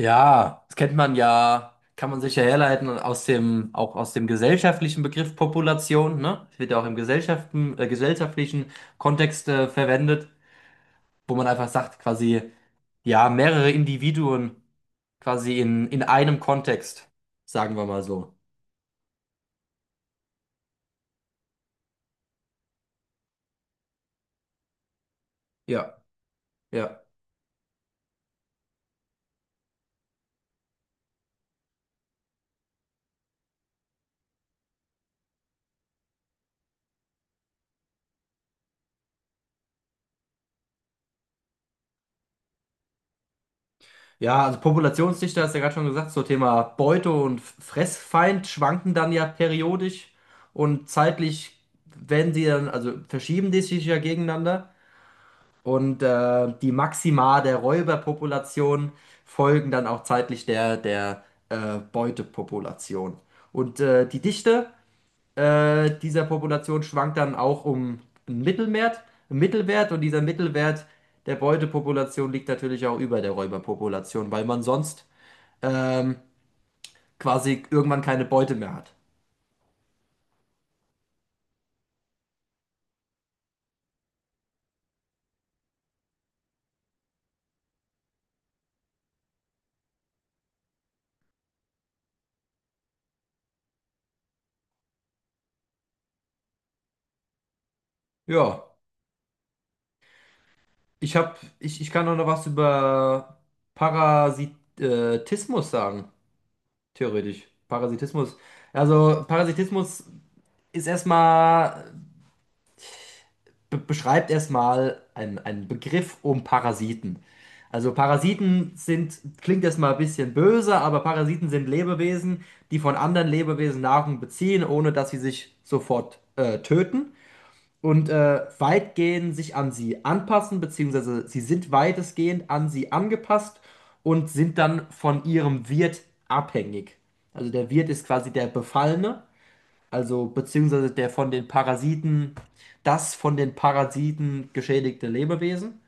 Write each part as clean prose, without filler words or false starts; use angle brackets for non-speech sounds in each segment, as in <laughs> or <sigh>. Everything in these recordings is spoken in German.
Ja, das kennt man ja, kann man sich ja herleiten und aus dem, auch aus dem gesellschaftlichen Begriff Population, ne? Das wird ja auch im Gesellschaften, gesellschaftlichen Kontext verwendet, wo man einfach sagt, quasi, ja, mehrere Individuen quasi in einem Kontext, sagen wir mal so. Ja, ja. Ja, also Populationsdichte hast du ja gerade schon gesagt, so Thema Beute und Fressfeind schwanken dann ja periodisch und zeitlich werden sie dann, also verschieben die sich ja gegeneinander. Und die Maxima der Räuberpopulation folgen dann auch zeitlich der Beutepopulation. Und die Dichte dieser Population schwankt dann auch um einen Mittelwert, einen Mittelwert, und dieser Mittelwert der Beutepopulation liegt natürlich auch über der Räuberpopulation, weil man sonst ähm, quasi irgendwann keine Beute mehr hat. Ja, ich kann auch noch was über Parasitismus sagen. Theoretisch. Parasitismus. Also Parasitismus ist erstmal, be beschreibt erstmal einen Begriff um Parasiten. Also Parasiten sind, klingt erstmal ein bisschen böse, aber Parasiten sind Lebewesen, die von anderen Lebewesen Nahrung beziehen, ohne dass sie sich sofort töten und weitgehend sich an sie anpassen, beziehungsweise sie sind weitestgehend an sie angepasst und sind dann von ihrem Wirt abhängig. Also der Wirt ist quasi der Befallene. Also beziehungsweise der von den Parasiten, das von den Parasiten geschädigte Lebewesen.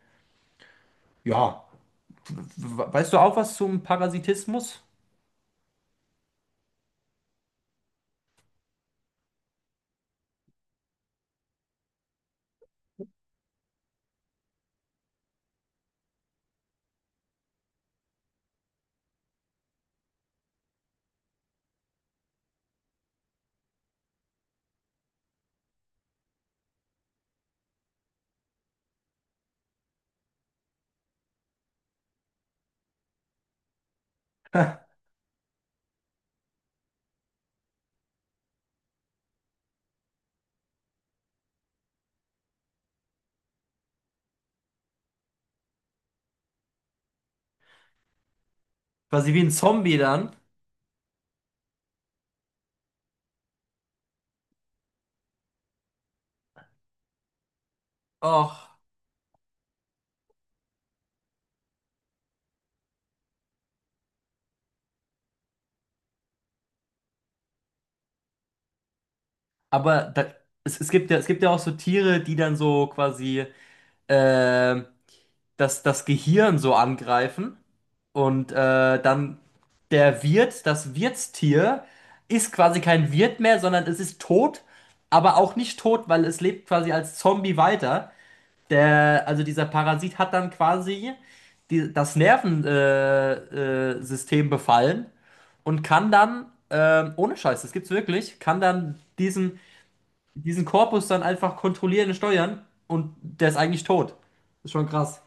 Ja, weißt du auch was zum Parasitismus? Quasi wie ein Zombie dann. Och, aber da, es gibt ja, es gibt ja auch so Tiere, die dann so quasi äh, das Gehirn so angreifen und dann der Wirt, das Wirtstier, ist quasi kein Wirt mehr, sondern es ist tot, aber auch nicht tot, weil es lebt quasi als Zombie weiter. Der, also dieser Parasit hat dann quasi die, das Nervensystem System befallen und kann dann, ohne Scheiß, das gibt's wirklich, kann dann diesen, diesen Korpus dann einfach kontrollieren und steuern, und der ist eigentlich tot. Ist schon krass.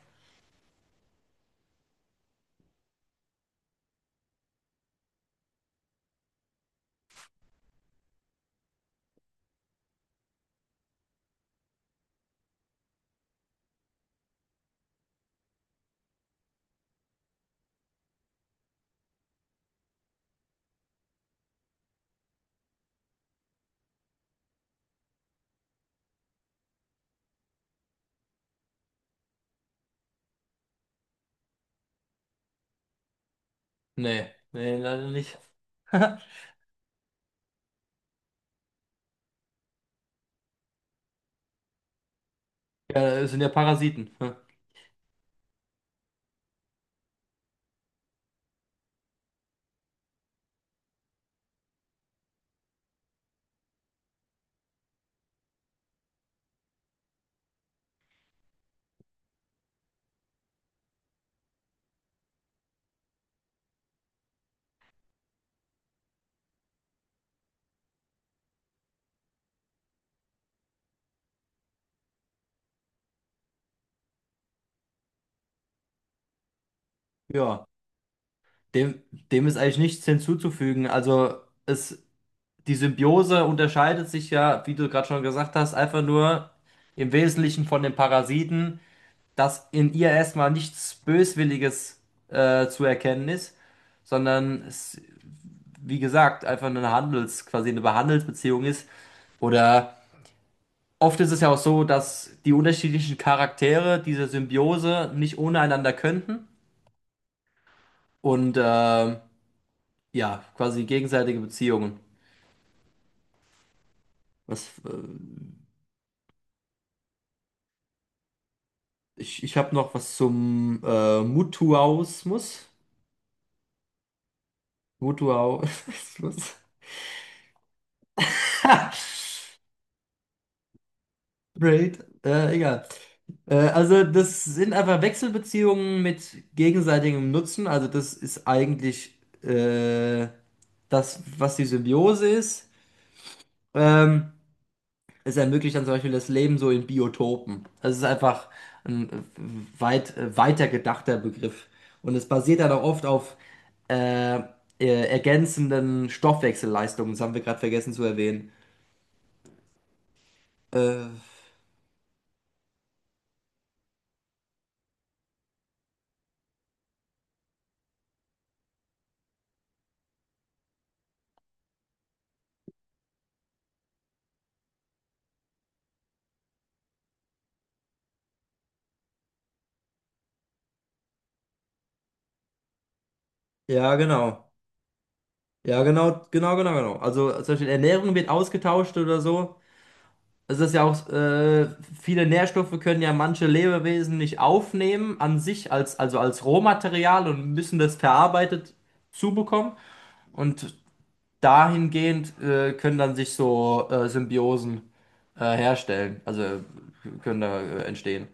Nee, nee, leider nicht. <laughs> Ja, das sind ja Parasiten. Hm. Ja, dem, dem ist eigentlich nichts hinzuzufügen. Also es, die Symbiose unterscheidet sich ja, wie du gerade schon gesagt hast, einfach nur im Wesentlichen von den Parasiten, dass in ihr erstmal nichts Böswilliges zu erkennen ist, sondern es, wie gesagt, einfach eine Handels, quasi eine Handelsbeziehung ist. Oder oft ist es ja auch so, dass die unterschiedlichen Charaktere dieser Symbiose nicht ohne einander könnten, und ja, quasi gegenseitige Beziehungen. Was, ich habe noch was zum Mutuausmus. Mutuausmus. <laughs> Braid. Egal. Also das sind einfach Wechselbeziehungen mit gegenseitigem Nutzen. Also das ist eigentlich äh, das, was die Symbiose ist. Ähm, es ermöglicht dann zum Beispiel das Leben so in Biotopen. Das ist einfach ein weiter gedachter Begriff. Und es basiert dann auch oft auf äh, ergänzenden Stoffwechselleistungen. Das haben wir gerade vergessen zu erwähnen. Äh, ja, genau. Ja, genau, genau, genau, genau. Also zum Beispiel Ernährung wird ausgetauscht oder so. Es ist ja auch, viele Nährstoffe können ja manche Lebewesen nicht aufnehmen an sich, als, also als Rohmaterial, und müssen das verarbeitet zubekommen. Und dahingehend können dann sich so Symbiosen herstellen, also können da entstehen.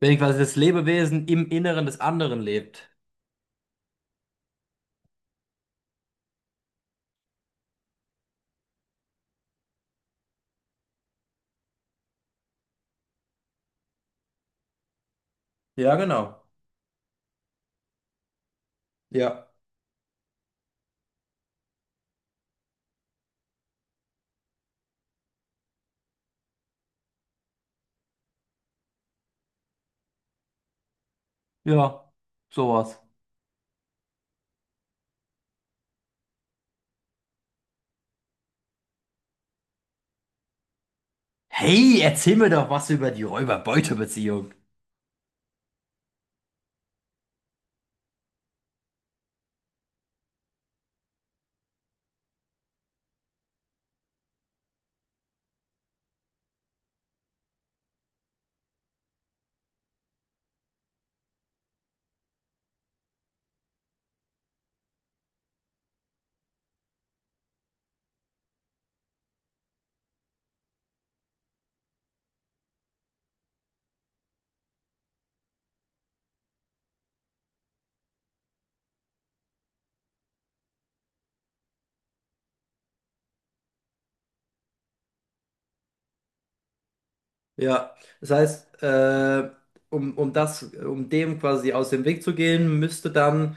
Wenn quasi das Lebewesen im Inneren des anderen lebt. Ja, genau. Ja. Ja, sowas. Hey, erzähl mir doch was über die Räuber-Beute-Beziehung. Ja, das heißt, um, um das, um dem quasi aus dem Weg zu gehen, müsste dann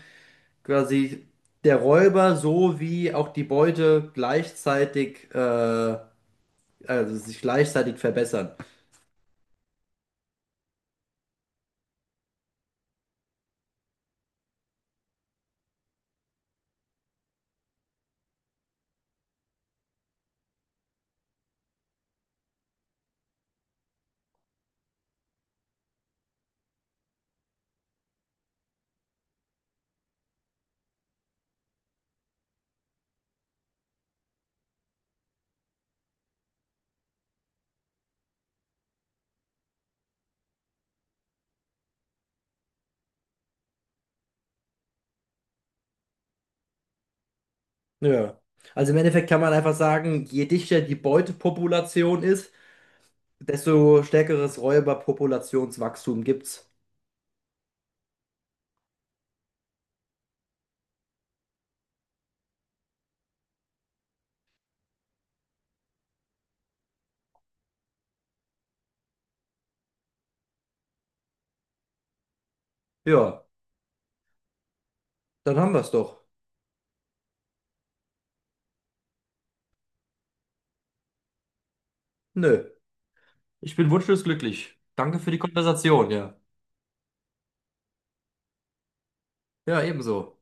quasi der Räuber sowie auch die Beute gleichzeitig also sich gleichzeitig verbessern. Ja. Also im Endeffekt kann man einfach sagen, je dichter die Beutepopulation ist, desto stärkeres Räuberpopulationswachstum gibt's. Ja, dann haben wir's doch. Nö. Ich bin wunschlos glücklich. Danke für die Konversation, ja. Ja, ebenso.